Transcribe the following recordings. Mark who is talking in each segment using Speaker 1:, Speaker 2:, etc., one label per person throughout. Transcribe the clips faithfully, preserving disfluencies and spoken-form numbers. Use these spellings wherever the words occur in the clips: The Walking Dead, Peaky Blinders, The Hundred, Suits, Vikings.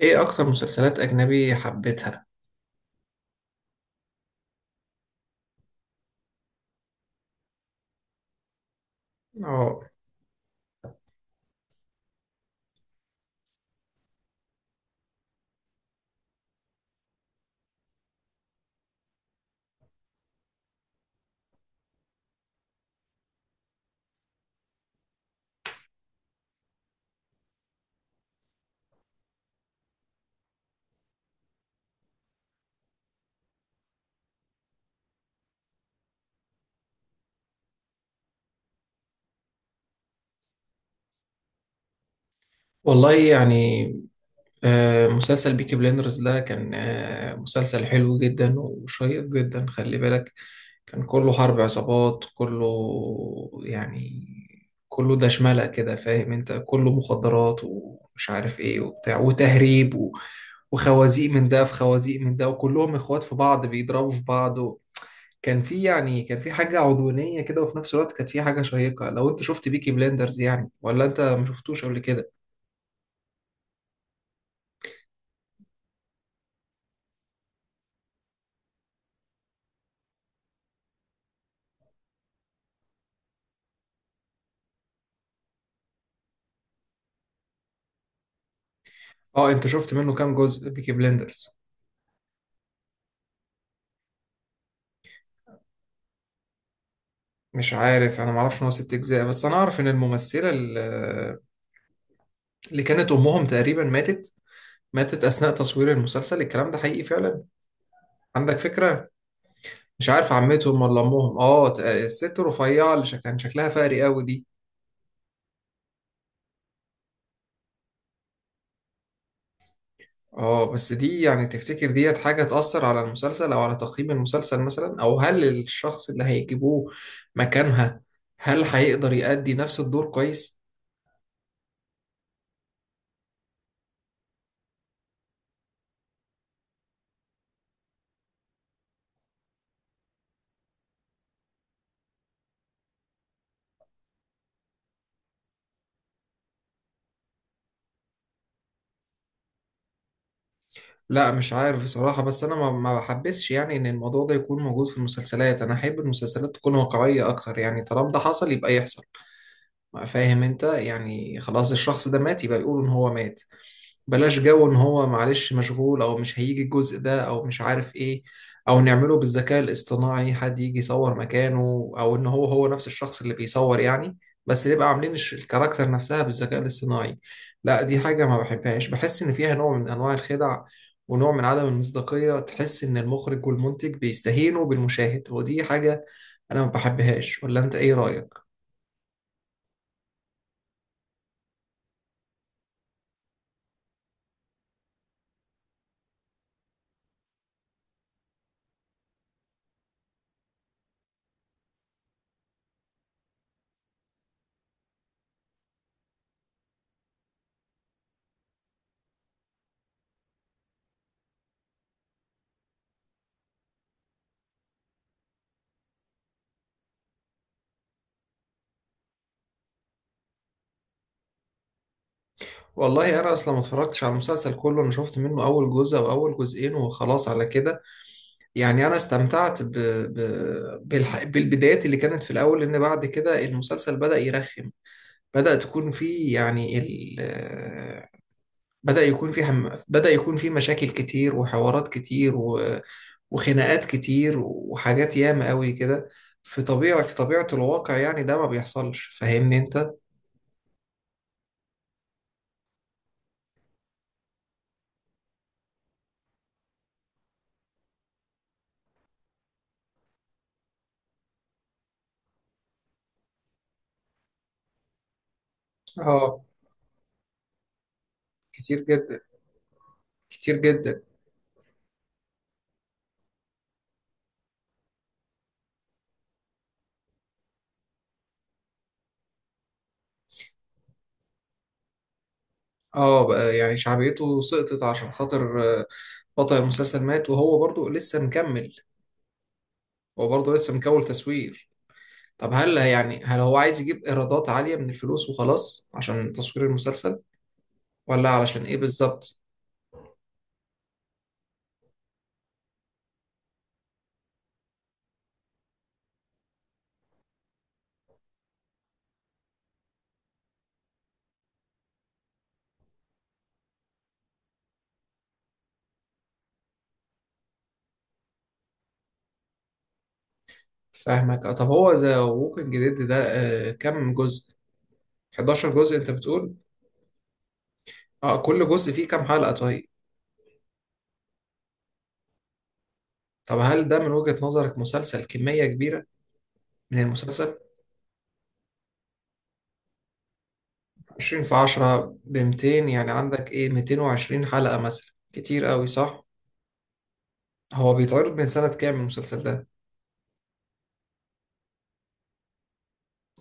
Speaker 1: ايه اكتر مسلسلات اجنبي حبيتها؟ اه، والله يعني، آه، مسلسل بيكي بليندرز ده كان آه، مسلسل حلو جدا وشيق جدا، خلي بالك. كان كله حرب عصابات، كله يعني، كله دشملة كده، فاهم انت، كله مخدرات ومش عارف ايه وبتاع وتهريب و- وخوازيق من ده، في خوازيق من ده، وكلهم اخوات في بعض بيضربوا في بعض. كان في يعني كان في حاجة عدوانية كده، وفي نفس الوقت كانت في حاجة شيقة. لو انت شفت بيكي بليندرز يعني، ولا انت ما شفتوش قبل كده؟ اه، انت شفت منه كام جزء بيكي بليندرز؟ مش عارف، انا ما اعرفش ان هو ست اجزاء، بس انا اعرف ان الممثلة ال- اللي كانت امهم تقريبا ماتت ماتت اثناء تصوير المسلسل. الكلام ده حقيقي فعلا؟ عندك فكرة؟ مش عارف، عمتهم ولا امهم. اه، ت- الست الرفيعة اللي شك- كان شكلها فقري قوي دي. اه، بس دي يعني، تفتكر ديت حاجة تأثر على المسلسل أو على تقييم المسلسل مثلا؟ أو هل الشخص اللي هيجيبوه مكانها هل هيقدر يأدي نفس الدور كويس؟ لا، مش عارف بصراحة. بس أنا ما ما بحبسش يعني إن الموضوع ده يكون موجود في المسلسلات. أنا أحب المسلسلات تكون واقعية أكتر، يعني طالما ده حصل يبقى يحصل. فاهم انت؟ يعني خلاص الشخص ده مات، يبقى يقولوا ان هو مات. بلاش جو ان هو معلش مشغول او مش هيجي الجزء ده او مش عارف ايه. او نعمله بالذكاء الاصطناعي، حد يجي يصور مكانه، او ان هو هو نفس الشخص اللي بيصور يعني، بس نبقى عاملين الش- الكاركتر نفسها بالذكاء الاصطناعي. لا، دي حاجة ما بحبهاش، بحس ان فيها نوع من انواع الخدع ونوع من عدم المصداقية، تحس ان المخرج والمنتج بيستهينوا بالمشاهد. ودي حاجة انا ما بحبهاش. ولا انت ايه رأيك؟ والله انا اصلا ما اتفرجتش على المسلسل كله، انا شفت منه اول جزء او اول جزئين وخلاص على كده. يعني انا استمتعت ب... ب... بالح... بالبدايات اللي كانت في الاول، لان بعد كده المسلسل بدأ يرخم. بدأ تكون فيه يعني ال... آه، بدأ يكون فيه هم... بدأ يكون فيه مشاكل كتير وحوارات كتير و... وخناقات كتير وحاجات ياما قوي كده. في طبيعة في طبيعة الواقع، يعني ده ما بيحصلش، فاهمني انت؟ اه، كتير جدا. كتير جدا. اه بقى، يعني شعبيته سقطت عشان خاطر آه، بطل المسلسل مات، وهو برضو لسه مكمل. هو برضو لسه مكول تصوير. طب هل يعني، هل هو عايز يجيب ايرادات عالية من الفلوس وخلاص عشان تصوير المسلسل؟ ولا علشان ايه بالظبط؟ فاهمك. آه، طب هو ذا ووكينج ديد ده آه، كم جزء؟ حداشر جزء انت بتقول؟ اه، كل جزء فيه كام حلقة طيب؟ طب هل ده من وجهة نظرك مسلسل كمية كبيرة من المسلسل؟ عشرين في عشرة بمتين، يعني عندك ايه، ميتين وعشرين حلقة مثلا، كتير قوي صح؟ هو بيتعرض من سنة كام المسلسل ده؟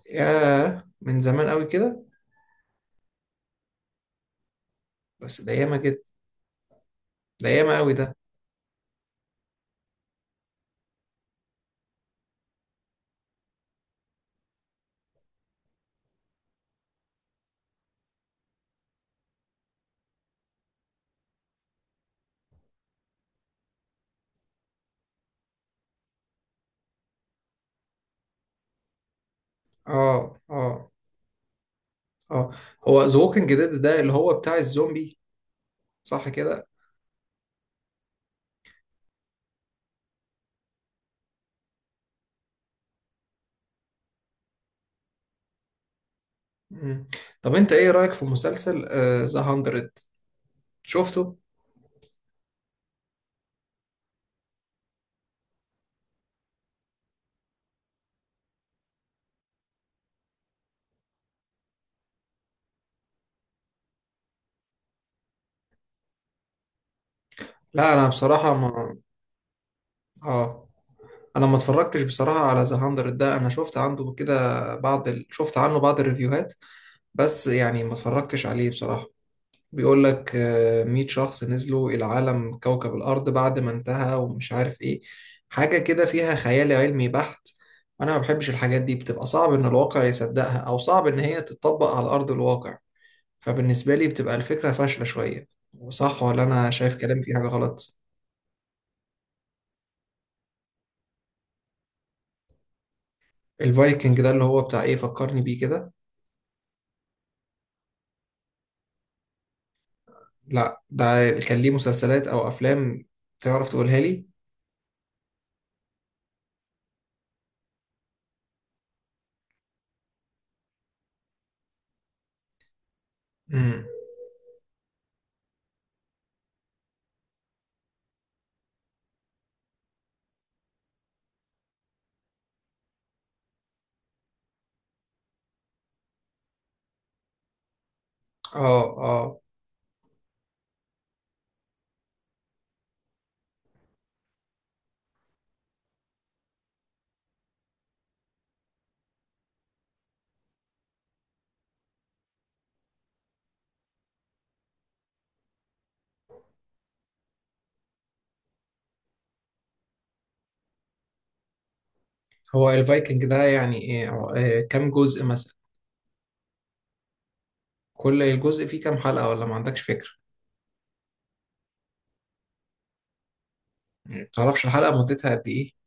Speaker 1: ياه، من زمان قوي كده. بس ده ياما جدا. ده ياما قوي ده. اه، اه، اه. هو ذا ووكينج ديد ده اللي هو بتاع الزومبي، صح كده؟ مم. طب انت ايه رأيك في مسلسل ذا هاندرد؟ شفته؟ لا، انا بصراحة ما اه انا ما اتفرجتش بصراحه على ذا مية ده. انا شفت عنده كده بعض ال... شفت عنه بعض الريفيوهات، بس يعني ما اتفرجتش عليه بصراحه. بيقول لك مية شخص نزلوا العالم كوكب الارض بعد ما انتهى ومش عارف ايه، حاجه كده فيها خيال علمي بحت. انا ما بحبش الحاجات دي، بتبقى صعب ان الواقع يصدقها او صعب ان هي تتطبق على ارض الواقع. فبالنسبه لي بتبقى الفكره فاشله شويه. صح؟ ولا انا شايف كلامي فيه حاجه غلط؟ الفايكنج ده اللي هو بتاع ايه؟ فكرني بيه كده. لا ده كان ليه مسلسلات او افلام؟ تعرف تقولها لي؟ امم. اه، اه. هو الفايكنج ده يعني ايه، آه، آه، كام جزء مثلا؟ كل الجزء فيه كام حلقة، ولا ما عندكش فكرة؟ مم. تعرفش الحلقة مدتها قد ايه؟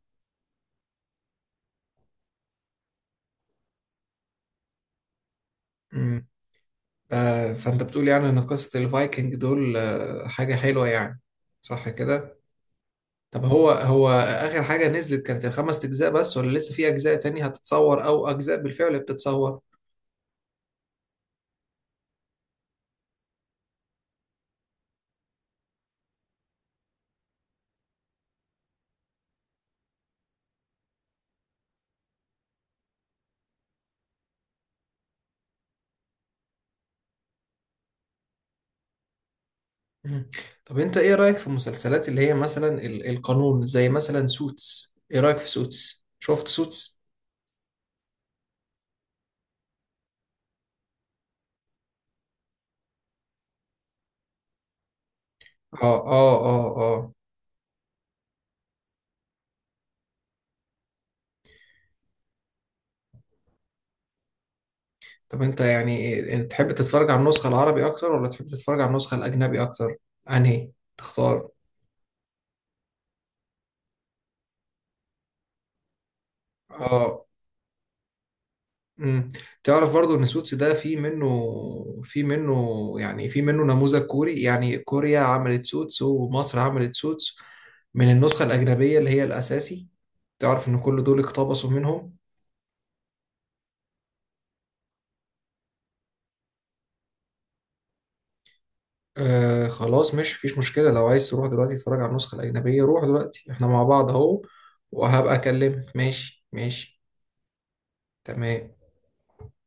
Speaker 1: امم. آه فانت بتقول يعني ان قصة الفايكنج دول آه، حاجة حلوة يعني، صح كده؟ طب هو هو اخر حاجة نزلت كانت الخمس اجزاء بس، ولا لسه في اجزاء تاني هتتصور او اجزاء بالفعل بتتصور؟ مم. طب انت ايه رأيك في المسلسلات اللي هي مثلا ال- القانون، زي مثلا سوتس؟ ايه رأيك في سوتس؟ شفت سوتس؟ اه، اه، اه، اه. طب انت يعني إيه- انت تحب تتفرج على النسخة العربي اكتر، ولا تحب تتفرج على النسخة الاجنبي اكتر؟ انهي تختار؟ اه. امم. تعرف برضو ان سوتس ده في منه في منه يعني في منه نموذج كوري، يعني كوريا عملت سوتس ومصر عملت سوتس من النسخة الأجنبية اللي هي الأساسي. تعرف إن كل دول اقتبسوا منهم؟ آه، خلاص، مش فيش مشكلة. لو عايز تروح دلوقتي تتفرج على النسخة الأجنبية روح دلوقتي، احنا مع بعض اهو. وهبقى أكلمك. ماشي ماشي. تمام.